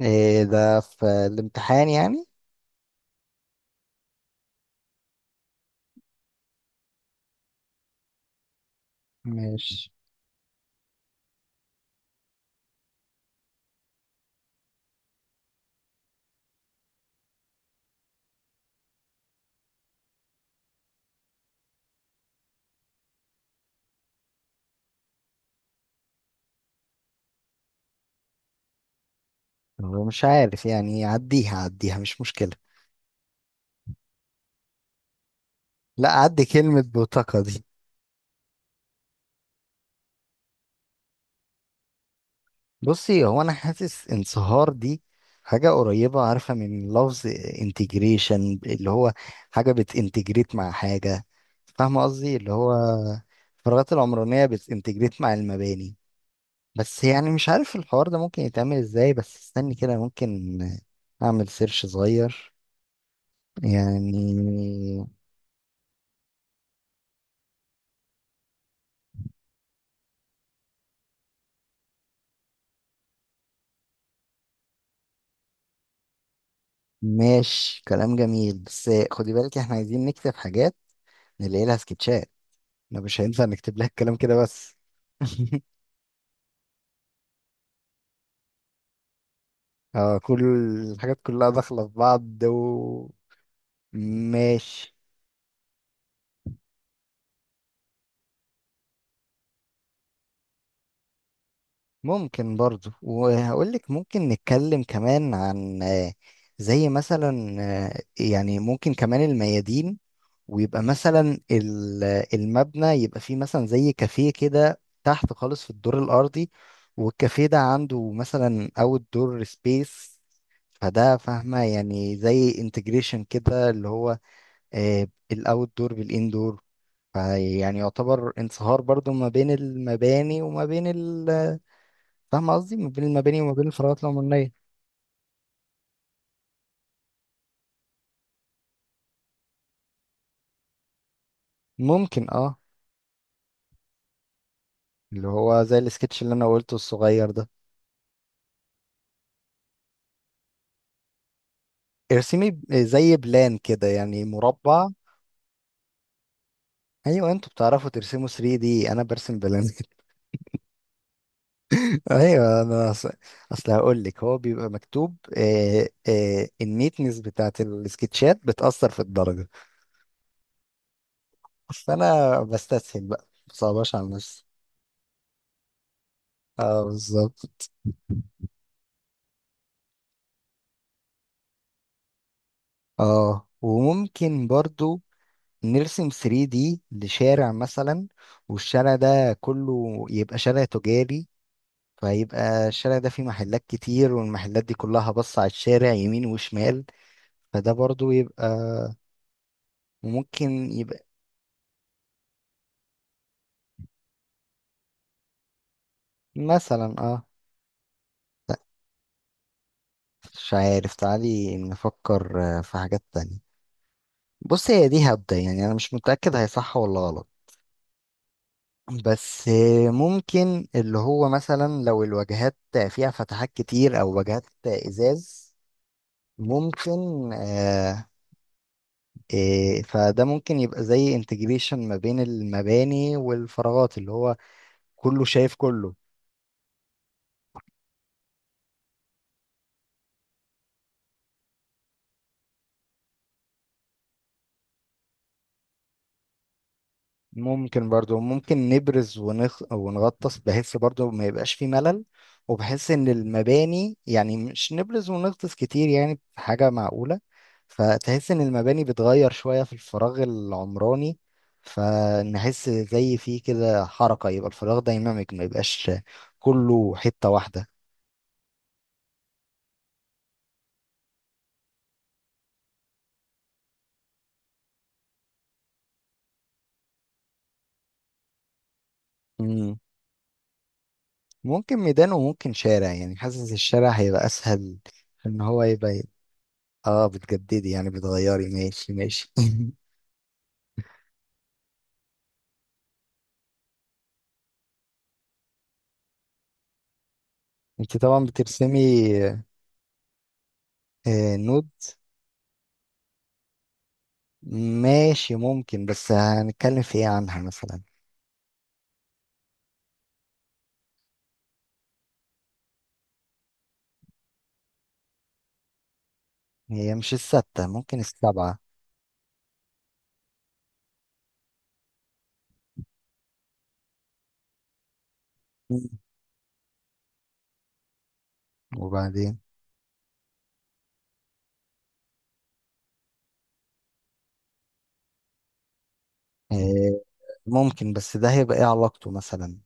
إيه ده، في الامتحان يعني؟ ماشي. هو مش عارف يعني. عديها عديها، مش مشكلة. لا، عدي كلمة بطاقة دي. بصي، هو أنا حاسس انصهار دي حاجة قريبة، عارفة، من لفظ انتجريشن، اللي هو حاجة بتنتجريت مع حاجة. فاهمة قصدي؟ اللي هو الفراغات العمرانية بتنتجريت مع المباني. بس يعني مش عارف الحوار ده ممكن يتعمل ازاي. بس استني كده، ممكن أعمل سيرش صغير يعني. ماشي، كلام جميل، بس خدي بالك احنا عايزين نكتب حاجات نلاقي لها سكتشات. احنا مش هينفع نكتب لها الكلام كده بس. اه، كل الحاجات كلها داخلة في بعض. و ماشي. ممكن برضو، وهقول لك ممكن نتكلم كمان عن زي مثلا يعني ممكن كمان الميادين. ويبقى مثلا المبنى يبقى فيه مثلا زي كافيه كده تحت خالص في الدور الأرضي، والكافيه ده عنده مثلا أوت دور سبيس. فده، فاهمة؟ يعني زي انتجريشن كده، اللي هو الأوت دور بالإندور، فيعني يعتبر انصهار برضو ما بين المباني وما بين فاهمة قصدي؟ ما بين المباني وما بين الفراغات العمرانية. ممكن، اه. اللي هو زي السكتش اللي أنا قلته الصغير ده. ارسمي زي بلان كده، يعني مربع. ايوه، انتوا بتعرفوا ترسموا 3D، انا برسم بلانك. ايوه، انا اصل هقول لك. هو بيبقى مكتوب، النيتنس بتاعت السكتشات بتأثر في الدرجة، فانا بستسهل بقى، مصعباش على نفسي. اه، بالظبط. اه، وممكن برضو نرسم 3D لشارع مثلا، والشارع ده كله يبقى شارع تجاري، فيبقى الشارع ده فيه محلات كتير، والمحلات دي كلها بص على الشارع يمين وشمال. فده برضو يبقى، وممكن يبقى مثلا، اه. لا، مش عارف، تعالي نفكر في حاجات تانية. بص، هي دي، هبدأ يعني، انا مش متأكد هي صح ولا غلط. بس ممكن اللي هو مثلا لو الواجهات فيها فتحات كتير او واجهات ازاز، ممكن، فده ممكن يبقى زي انتجريشن ما بين المباني والفراغات، اللي هو كله شايف كله. ممكن برضو، ممكن نبرز ونغطس، بحيث برضو ما يبقاش في ملل، وبحيث ان المباني يعني مش نبرز ونغطس كتير يعني، بحاجة معقولة. فتحس ان المباني بتغير شوية في الفراغ العمراني، فنحس زي فيه كده حركة، يبقى الفراغ دايناميك، ما يبقاش كله حتة واحدة. مم. ممكن ميدان، وممكن شارع، يعني حاسس الشارع هيبقى اسهل. ان هو يبقى، اه، بتجددي يعني، بتغيري. ماشي ماشي. انت طبعا بترسمي. نود. ماشي، ممكن، بس هنتكلم في ايه عنها مثلا؟ هي مش الستة، ممكن السبعة. مم. وبعدين؟ آه. ممكن، بس ده هيبقى ايه علاقته مثلا؟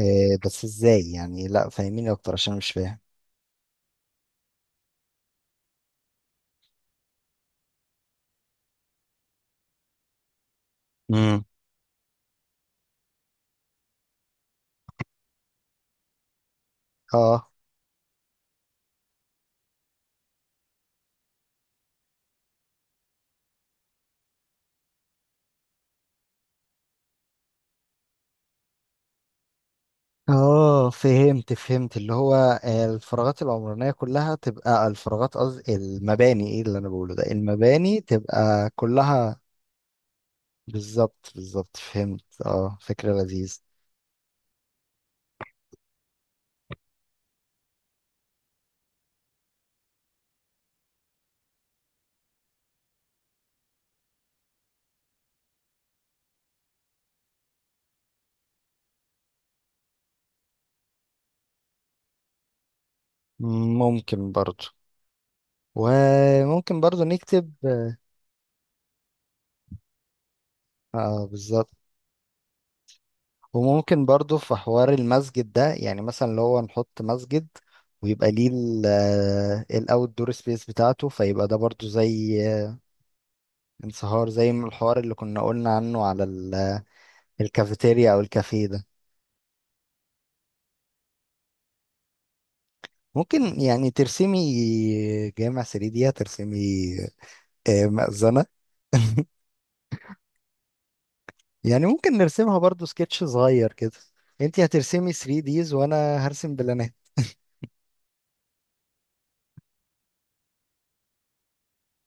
بس ازاي يعني؟ لا، فاهميني اكتر عشان مش فاهم. امم. اه اه، فهمت فهمت، اللي هو الفراغات العمرانية كلها تبقى الفراغات، قصدي المباني، ايه اللي انا بقوله ده؟ المباني تبقى كلها. بالظبط بالظبط، فهمت، اه، فكرة لذيذة. ممكن برضو، وممكن برضو نكتب. اه بالظبط. وممكن برضو في حوار المسجد ده يعني، مثلا لو هو نحط مسجد، ويبقى ليه الاوت دور سبيس بتاعته، فيبقى ده برضو زي انصهار، زي ما الحوار اللي كنا قلنا عنه على الكافيتيريا او الكافيه ده. ممكن، يعني ترسمي جامع 3 دي؟ هترسمي مأذنة. يعني ممكن نرسمها برضو سكتش صغير كده. انتي هترسمي 3 ديز وانا هرسم بلان.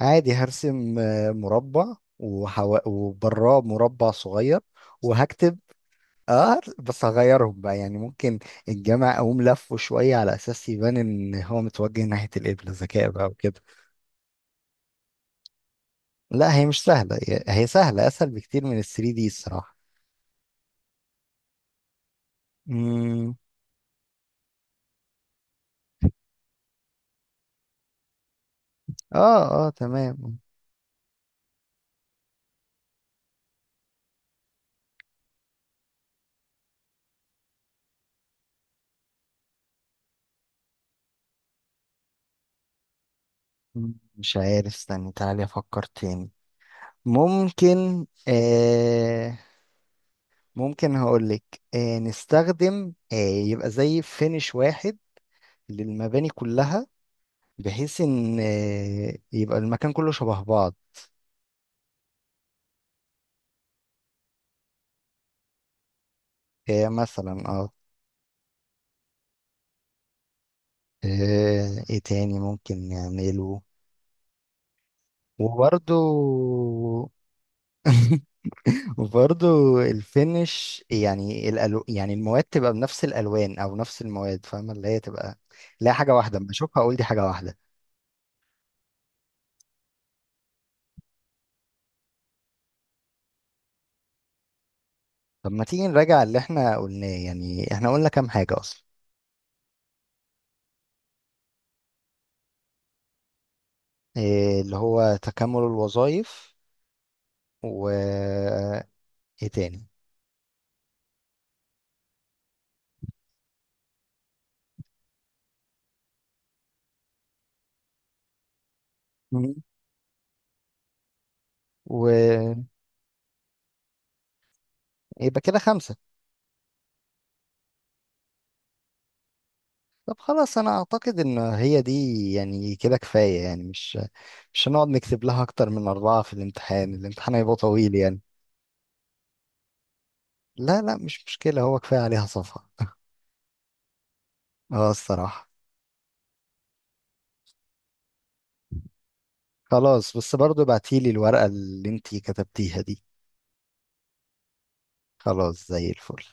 عادي، هرسم مربع وبراه مربع صغير، وهكتب. اه، بس هغيرهم بقى، يعني ممكن الجامع اقوم لفه شويه على اساس يبان ان هو متوجه ناحيه القبله، ذكاء بقى وكده. لا، هي مش سهله، هي سهله، اسهل بكتير من ال 3 دي الصراحه. امم. اه اه، تمام. مش عارف، استني تعالي افكر تاني. ممكن، ممكن هقولك، نستخدم، يبقى زي فينش واحد للمباني كلها، بحيث ان يبقى المكان كله شبه بعض. مثلا، اه. ايه تاني ممكن نعمله؟ وبرضو. وبرضو الفينش، يعني يعني المواد تبقى بنفس الالوان او نفس المواد، فاهمه؟ اللي هي تبقى، لا، حاجه واحده، اما اشوفها اقول دي حاجه واحده. طب ما تيجي نراجع اللي احنا قلناه، يعني احنا قلنا كام حاجه اصلا؟ إيه، اللي هو تكامل الوظائف، و ايه تاني؟ ويبقى كده خمسة. طب خلاص، أنا أعتقد إن هي دي، يعني كده كفاية يعني. مش مش هنقعد نكتب لها أكتر من أربعة في الامتحان، الامتحان هيبقى طويل يعني. لا لا، مش مشكلة، هو كفاية عليها صفحة. اه الصراحة. خلاص، بس برضو ابعتيلي الورقة اللي انتي كتبتيها دي. خلاص زي الفل.